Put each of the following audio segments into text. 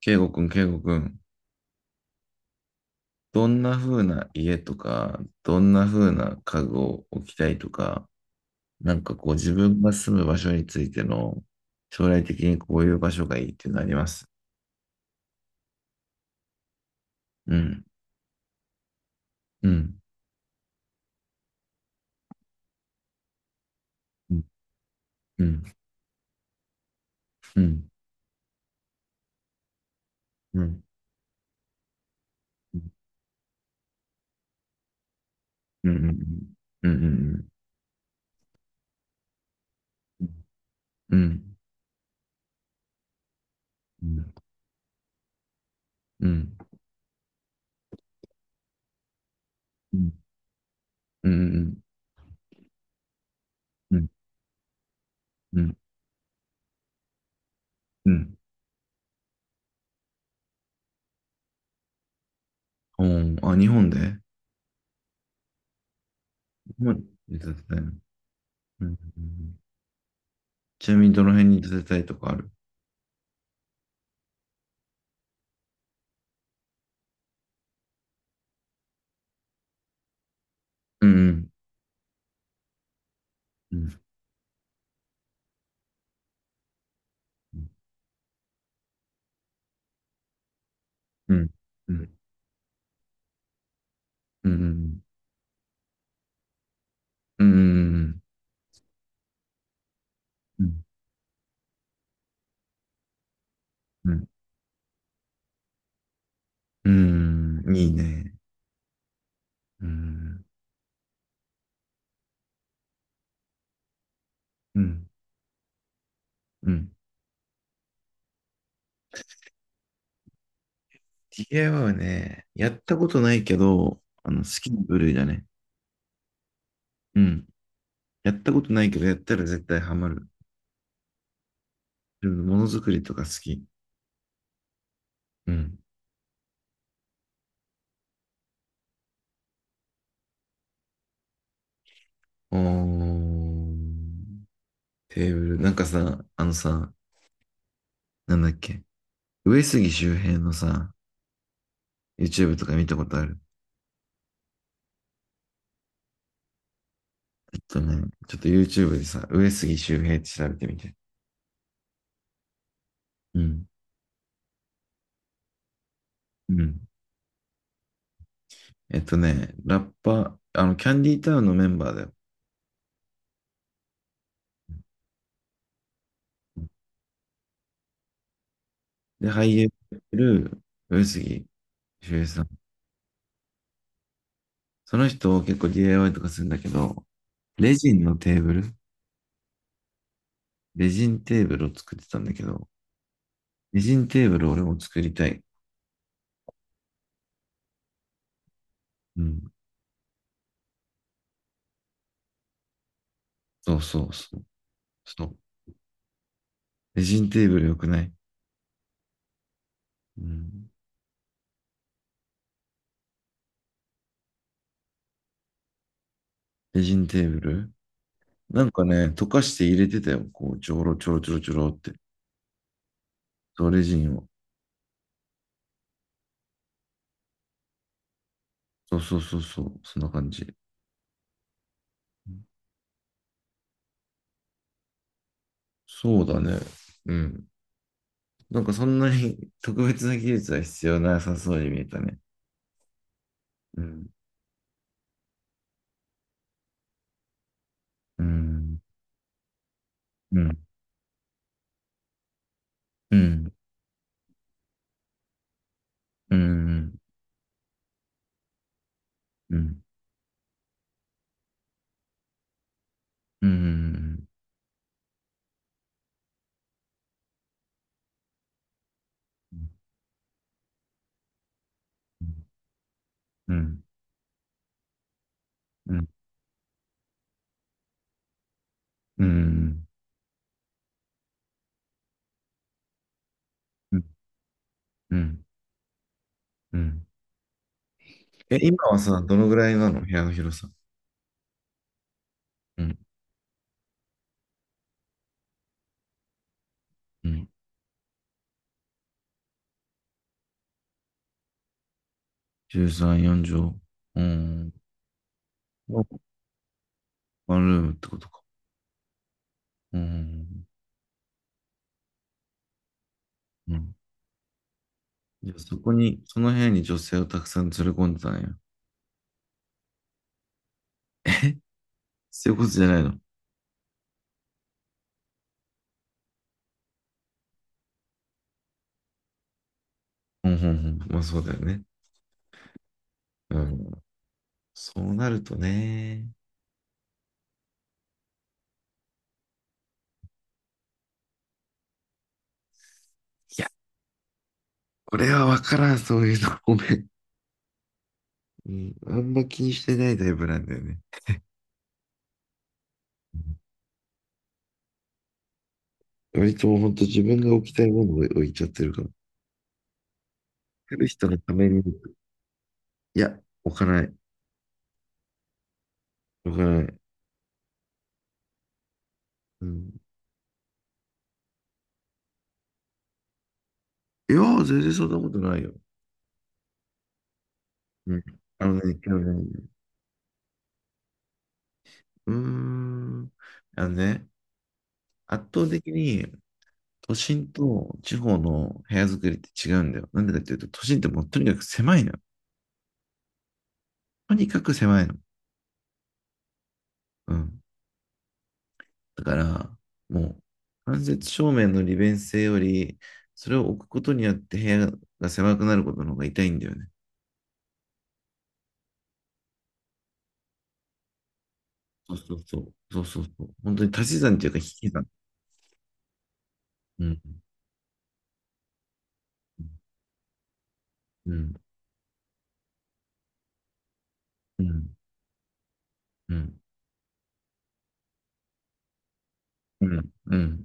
ケイゴくん、ケイゴくん、どんな風な家とか、どんな風な家具を置きたいとか、なんかこう自分が住む場所についての将来的にこういう場所がいいっていうのあります？うん、うん、うん、うん、うん、うん、うん、うん、うん、うん、うん、うん、うん、うん、うん、うん、うん、うん、あ、日本で建てたいの。ちなみにどの辺に建てたいとかある？うん、うん、うん、うん、うん、うん、うん、うん、うん、うん。いいね。うん、うん、うん。DIY はね、やったことないけど、あの、好きな部類だね。うん。やったことないけど、やったら絶対ハマる。自分ものづくりとか好き。うん。おー、テーブル。なんかさ、あのさ、なんだっけ。上杉周平のさ、YouTube とか見たことある？えっとね、ちょっと YouTube でさ、上杉周平って調べてみて。うん。うん。えっとね、ラッパ、あの、キャンディータウンのメンバーだよ。で、俳優やってる上杉秀平さん。その人結構 DIY とかするんだけど、レジンのテーブル、レジンテーブルを作ってたんだけど、レジンテーブル俺も作りたい。うん。そうそうそう。そう。レジンテーブルよくない？うん。レジンテーブルなんかね、溶かして入れてたよ。こう、ちょろちょろちょろちょろって。そう、レジンを。そうそうそうそう。そんな感じ。そうだね。うん。なんかそんなに特別な技術は必要なさそうに見えたね。うん。うん。うん。うん。うん。うん。うん。うん。うん。うん。うん。うん。うん。え、今はさ、どのぐらいなの部屋の広さ？うん。うん。13、4畳。うん。ワンルームってことか？うん。うん。じゃあそこに、その部屋に女性をたくさん連れ込んでたんや。そういうことじゃないの？うん。うん。うん。まあそうだよね。うん。そうなるとね。いや、これはわからん、そういうの。ごめん。うん。あんま気にしてないタイプなんだよね。うん。割ともうほんと自分が置きたいものを置いちゃってるから。来る人のために。いや、置かない。置かない。うん。いや、全然そんなことないよ。うん。あのね、今日ね、うーん。あのね、圧倒的に都心と地方の部屋作りって違うんだよ。なんでかっていうと、都心ってもうとにかく狭いのよ。とにかく狭いの。うん。だから、もう、間接照明の利便性より、それを置くことによって部屋が狭くなることの方が痛いんだよね。そうそうそう。そうそうそう。本当に足し算というか引き算。うん。うん。うん。うん。うん。うん。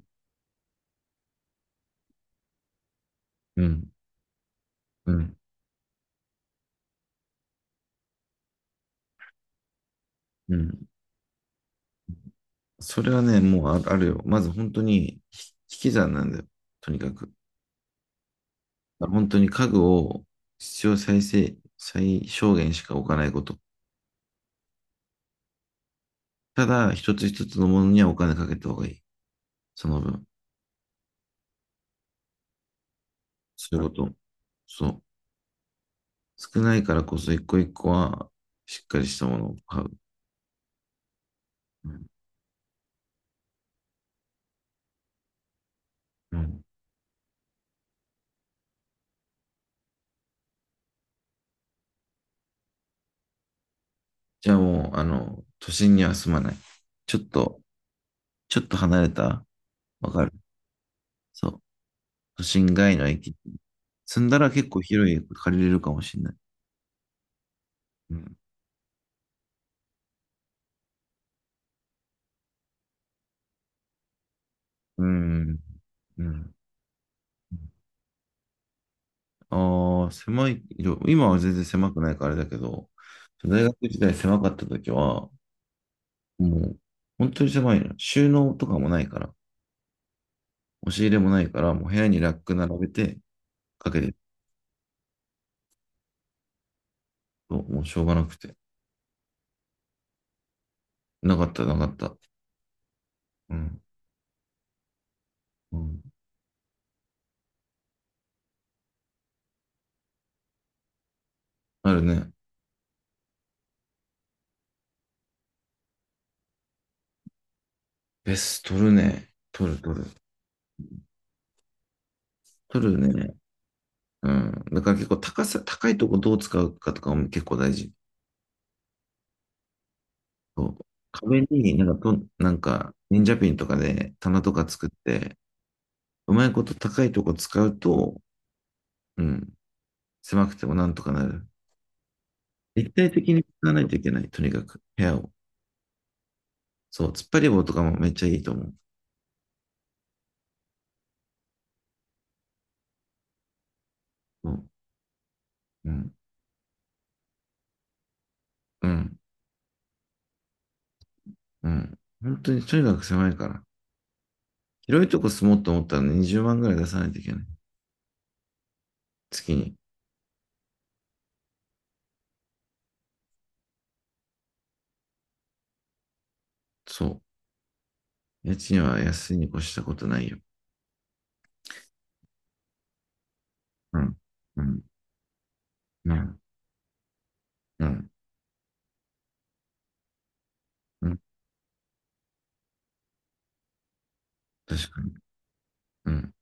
うん。うん。うん。それはね、もうああるよ。まず本当に引き算なんだよ。とにかく。本当に家具を必要最低、最小限しか置かないこと。ただ、一つ一つのものにはお金かけた方がいい。その分。そういうこと。そう。少ないからこそ一個一個はしっかりしたものを買う。うん。うん。じゃあもう、あの、都心には住まない。ちょっと、ちょっと離れた。わかる？そう。都心外の駅。住んだら結構広い駅借りれるかもしれない。うん。うん。うん。ああ、狭い、今は全然狭くないからあれだけど、大学時代狭かった時は、もう、本当に狭いの。収納とかもないから。押し入れもないから、もう部屋にラック並べてかけてると、もうしょうがなくて。なかった、なかった。うん。うん。あるね。ベース取るね。取る、取る。取るね。うん。だから結構高さ、高いとこどう使うかとかも結構大事。そう。壁になんかと、なんか、忍者ピンとかで棚とか作って、うまいこと高いとこ使うと、うん、狭くてもなんとかなる。立体的に使わないといけない。とにかく、部屋を。そう。突っ張り棒とかもめっちゃいいと思う。そう。うん。うん。うん。本当にとにかく狭いから。広いとこ住もうと思ったら20万ぐらい出さないといけない。月に。そう。家賃は安いに越したことないよ。うん。うん。うん。うん。うん。確かに。うん。